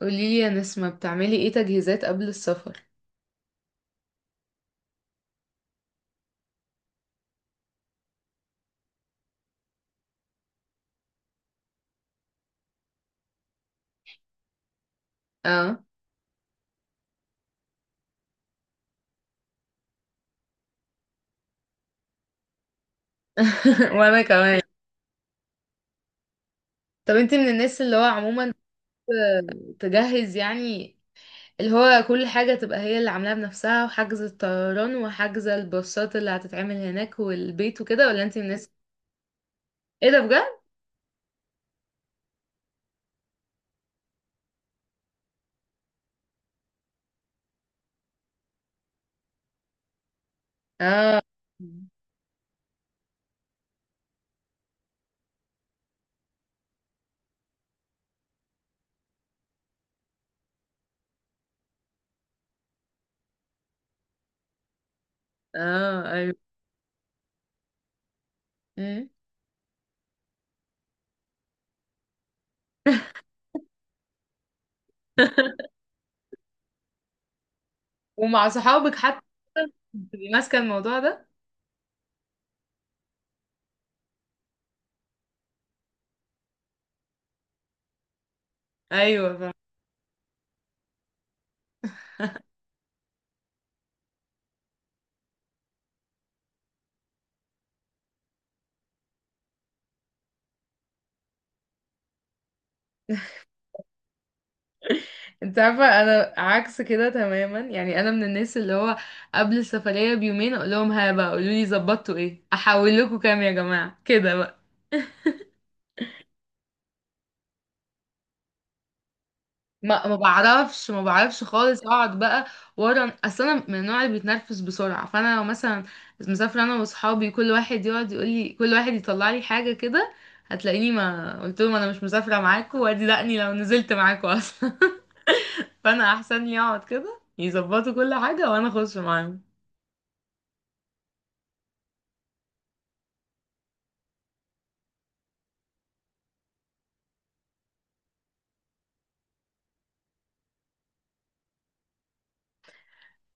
قوليلي يا نسمة، بتعملي ايه تجهيزات قبل السفر؟ اه. وانا كمان. طب انتي من الناس اللي هو عموما تجهز يعني، اللي هو كل حاجة تبقى هي اللي عاملاها بنفسها، وحجز الطيران وحجز الباصات اللي هتتعمل هناك والبيت وكده، ولا انتي من الناس؟ ايه ده؟ بجد؟ اه. اه، ايوه. مم. ومع صحابك حتى بتبقي ماسكة الموضوع ده؟ ايوه. انت عارفة انا عكس كده تماما، يعني انا من الناس اللي هو قبل السفرية بيومين اقول لهم: ها بقى، قولوا لي ظبطتوا ايه، احول لكم كام، يا جماعة كده بقى. ما بعرفش خالص، اقعد بقى ورا. اصل انا من النوع اللي بيتنرفز بسرعة، فانا لو مثلا مسافرة انا واصحابي، كل واحد يقعد يقول لي، كل واحد يطلع لي حاجة كده، هتلاقيني ما قلت لهم انا مش مسافرة معاكم، وادي دقني لو نزلت معاكم اصلا. فانا احسن لي اقعد كده، يظبطوا كل حاجة وانا اخش معاهم.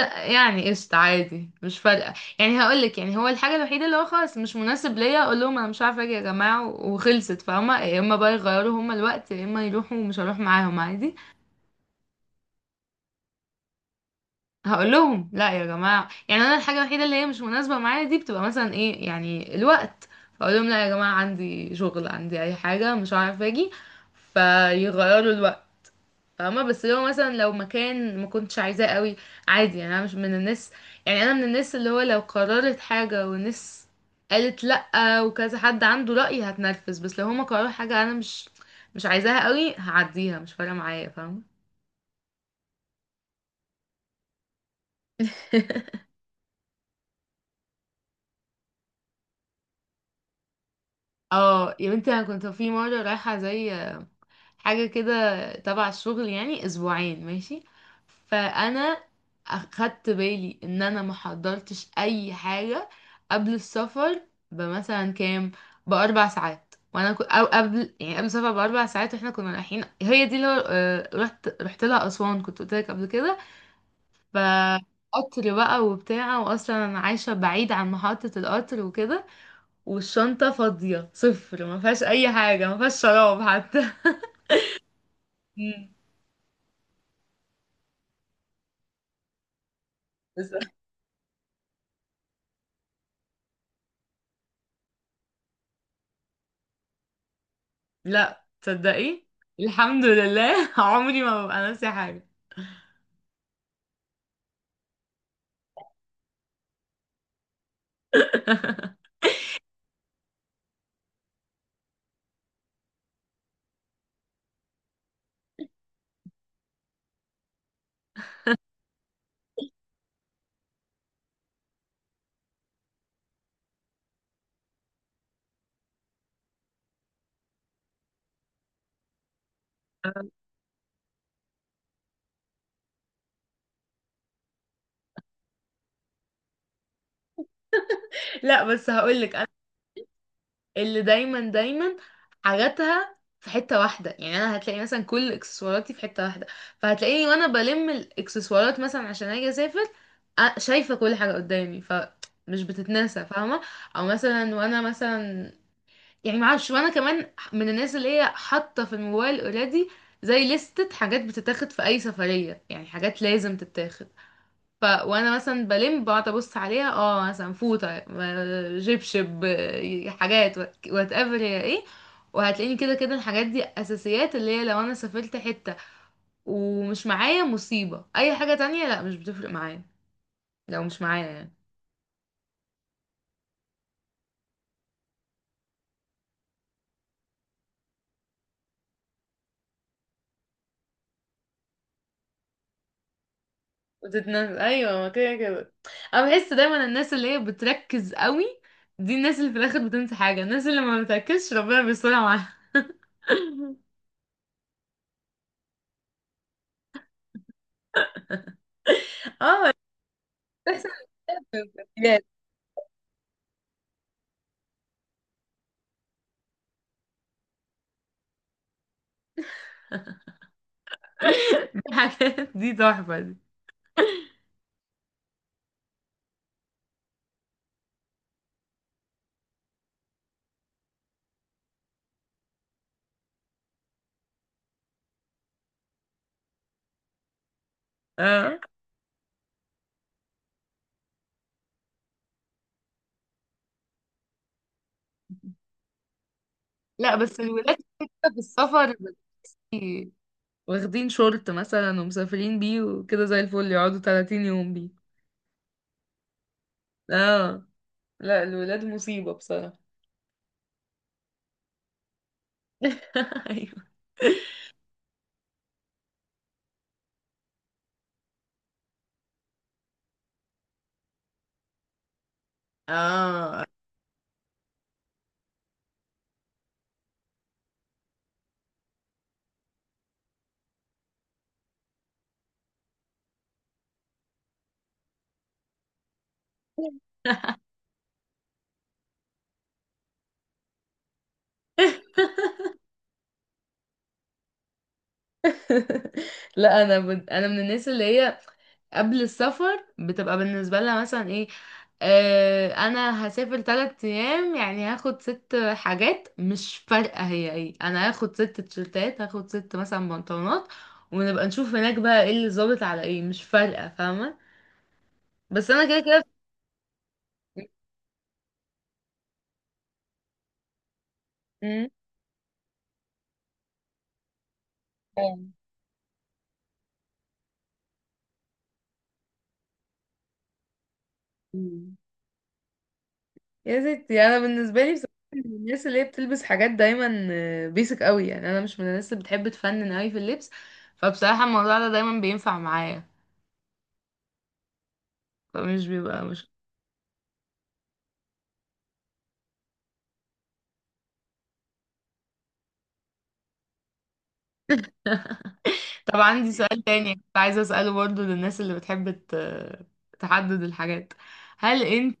لا يعني قشطة، عادي، مش فارقة. يعني هقولك، يعني هو الحاجة الوحيدة اللي هو خلاص مش مناسب ليا، اقول لهم انا مش عارفة اجي يا جماعة و- وخلصت، فاهمة؟ يا اما بقى يغيروا هما الوقت، يا اما يروحوا ومش هروح معاهم عادي. هقول لهم لا يا جماعة، يعني انا الحاجة الوحيدة اللي هي مش مناسبة معايا دي بتبقى مثلا ايه، يعني الوقت. فاقول لهم لا يا جماعة، عندي شغل، عندي اي حاجة، مش عارفة اجي، فيغيروا الوقت. فاهمة؟ بس لو مثلا لو مكان ما كنتش عايزاه قوي، عادي يعني، انا مش من الناس. يعني انا من الناس اللي هو لو قررت حاجة والناس قالت لأ وكذا حد عنده رأي هتنرفز، بس لو هما قرروا حاجة انا مش عايزاها قوي، هعديها مش فارقة معايا، فاهمة؟ اه يا بنتي، انا كنت في مرة رايحة زي حاجة كده تبع الشغل، يعني اسبوعين ماشي. فانا اخدت بالي ان انا ما حضرتش اي حاجة قبل السفر بمثلا كام، ب4 ساعات. وانا كنت، او قبل يعني، قبل السفر ب4 ساعات واحنا كنا رايحين، هي دي اللي هو- آه، رحت لها اسوان، كنت قلت لك قبل كده. ف قطر بقى وبتاع، واصلا انا عايشه بعيد عن محطه القطر وكده، والشنطه فاضيه صفر، ما فيهاش اي حاجه، ما فيهاش شراب حتى. مم. لا تصدقي، الحمد لله، عمري ما ببقى ناسي حاجة. لا بس هقولك انا اللي دايما دايما حاجاتها في حتة واحدة، يعني انا هتلاقي مثلا كل اكسسواراتي في حتة واحدة، فهتلاقيني وانا بلم الاكسسوارات مثلا عشان اجي اسافر، شايفة كل حاجة قدامي، فمش بتتنسى، فاهمة؟ او مثلا وانا مثلا، يعني معرفش، وانا كمان من الناس اللي هي حاطة في الموبايل اوريدي زي لستة حاجات بتتاخد في اي سفرية، يعني حاجات لازم تتاخد. ف وانا مثلا بلم بقعد ابص عليها، اه مثلا فوطه، جبشب، حاجات، وات ايفر هي ايه. وهتلاقيني كده كده الحاجات دي اساسيات، اللي هي لو انا سافرت حته ومش معايا، مصيبه، اي حاجه تانية لا مش بتفرق معايا، لو مش معايا يعني. بتتنزل ايوه، ما كده كده انا بحس دايما الناس اللي هي بتركز قوي دي الناس اللي في الاخر بتنسى حاجه، الناس اللي ما بتركزش ربنا بيسترها معاها. اه. بتحصل. دي حاجات، دي تحفة دي. اه. لا بس الولاد كده، في السفر، بي- واخدين شورت مثلا ومسافرين بيه وكده زي الفل، يقعدوا 30 يوم بيه. اه. لا الولاد مصيبة بصراحة. ايوه. اه. لا انا انا من الناس اللي هي قبل السفر بتبقى بالنسبة لها مثلا ايه، انا هسافر 3 ايام، يعني هاخد ست حاجات، مش فارقة هي ايه، انا هاخد ست تيشرتات، هاخد ست مثلا بنطلونات. ونبقى نشوف هناك بقى ايه اللي ظابط على ايه، مش فارقة، فاهمة؟ بس انا كده كده. مم. فاهم. مم. يا ستي انا بالنسبة لي بصراحة من الناس اللي هي بتلبس حاجات دايما بيسك قوي، يعني انا مش من الناس اللي بتحب تفنن قوي في اللبس، فبصراحة الموضوع ده دايما بينفع معايا، فمش بيبقى مش. طب عندي سؤال تاني كنت عايزة أسأله برضه للناس اللي بتحب تحدد الحاجات. هل انت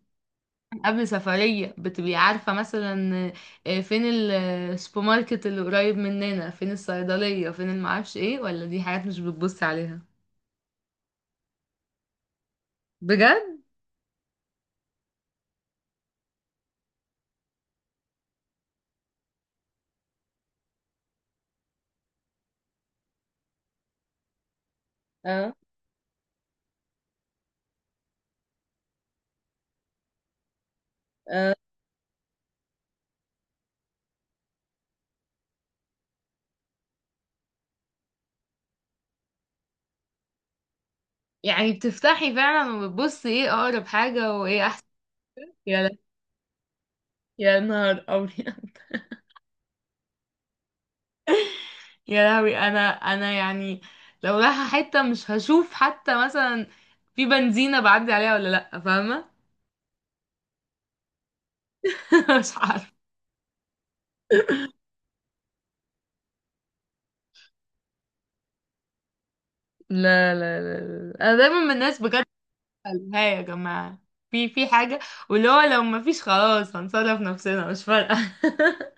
قبل سفرية بتبقي عارفة مثلا فين السوبر ماركت اللي قريب مننا، فين الصيدلية، فين المعرفش ايه، ولا دي حاجات مش بتبصي عليها؟ بجد؟ اه. اه. يعني بتفتحي فعلا وبتبصي ايه أقرب حاجة وايه أحسن؟ يا لا- يا نهار أبيض، يا لهوي انا يعني لو رايحة حتة مش هشوف حتى مثلا في بنزينة بعدي عليها ولا لأ، فاهمة؟ مش عارفة. لا، لا، لا. لا، انا دايما من الناس بجد، ها يا جماعة، في في حاجة، واللي هو لو ما فيش خلاص هنصرف نفسنا، مش فارقة.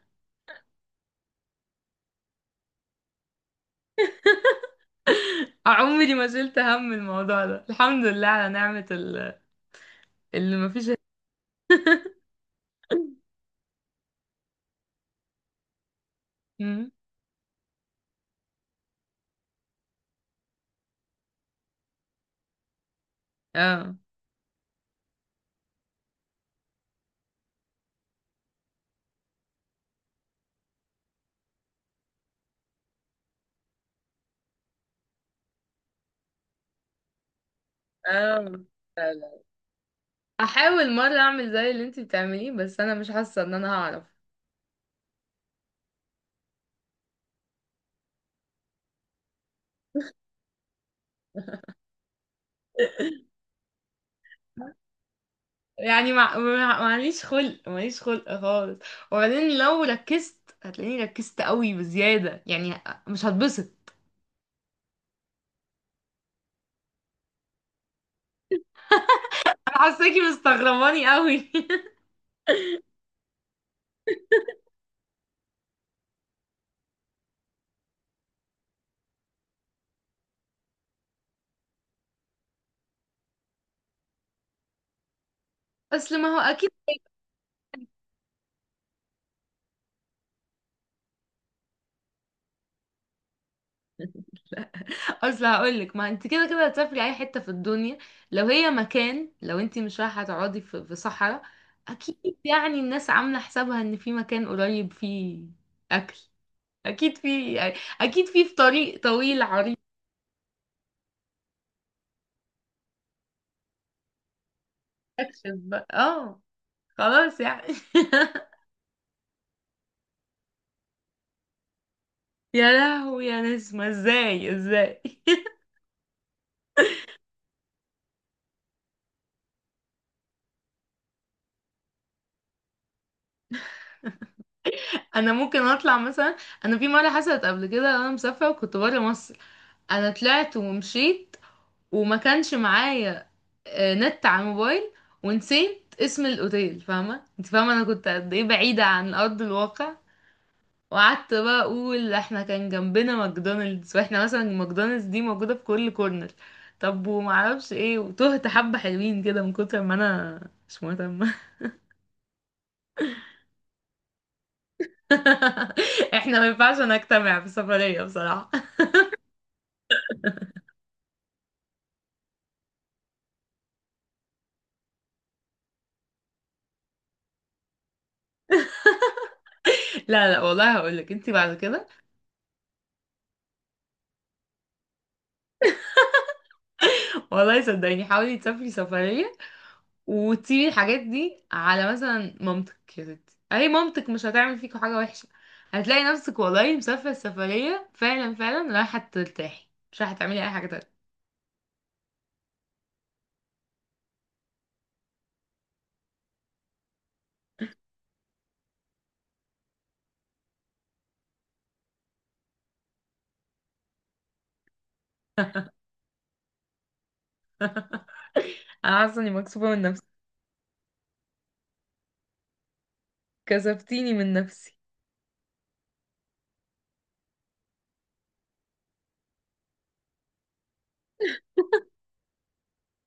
عمري ما شلت هم الموضوع ده، الحمد لله على نعمة اللي ما فيش. مم. اه. اه. لا، لا، احاول مرة اعمل زي اللي انتي بتعمليه، بس انا مش حاسة ان انا هعرف. يعني معليش خلق، ماليش خلق خالص، وبعدين لو ركزت هتلاقيني ركزت قوي بزيادة، يعني مش هتبسط. انا حاساكي مستغرباني قوي. اصل ما هو اكيد. اصل هقولك، ما انت كده كده هتسافري اي حتة في الدنيا، لو هي مكان، لو انت مش رايحة تقعدي في صحراء، اكيد يعني الناس عاملة حسابها ان في مكان قريب فيه اكل، اكيد في يعني، اكيد في في طريق طويل عريض. اكشف بقى اه، خلاص يعني. يا لهوي يا نسمة، ازاي ازاي؟ انا ممكن اطلع مثلا، انا في مرة حصلت قبل كده انا مسافرة وكنت برا مصر، انا طلعت ومشيت وما كانش معايا نت على الموبايل، ونسيت اسم الاوتيل، فاهمة؟ انت فاهمة انا كنت قد ايه بعيدة عن ارض الواقع. وقعدت بقى اقول احنا كان جنبنا ماكدونالدز، واحنا مثلا ماكدونالدز دي موجودة في كل كورنر. طب ومعرفش ايه، وتهت حبة حلوين كده من كتر ما انا مش مهتمة. احنا ما ينفعش نجتمع في سفرية بصراحة. لا، لا، والله هقولك انتي بعد كده، والله صدقيني حاولي تسافري سفرية وتسيبي الحاجات دي على مثلا مامتك، يا ستي اي مامتك مش هتعمل فيكوا حاجة وحشة، هتلاقي نفسك والله مسافرة السفرية، فعلا فعلا رايحة ترتاحي مش رايحة تعملي اي حاجة تانية. انا حاسة اني مكسوفة من نفسي، كسفتيني من نفسي.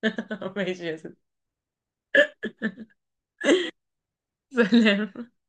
ماشي يا ستي. سلام.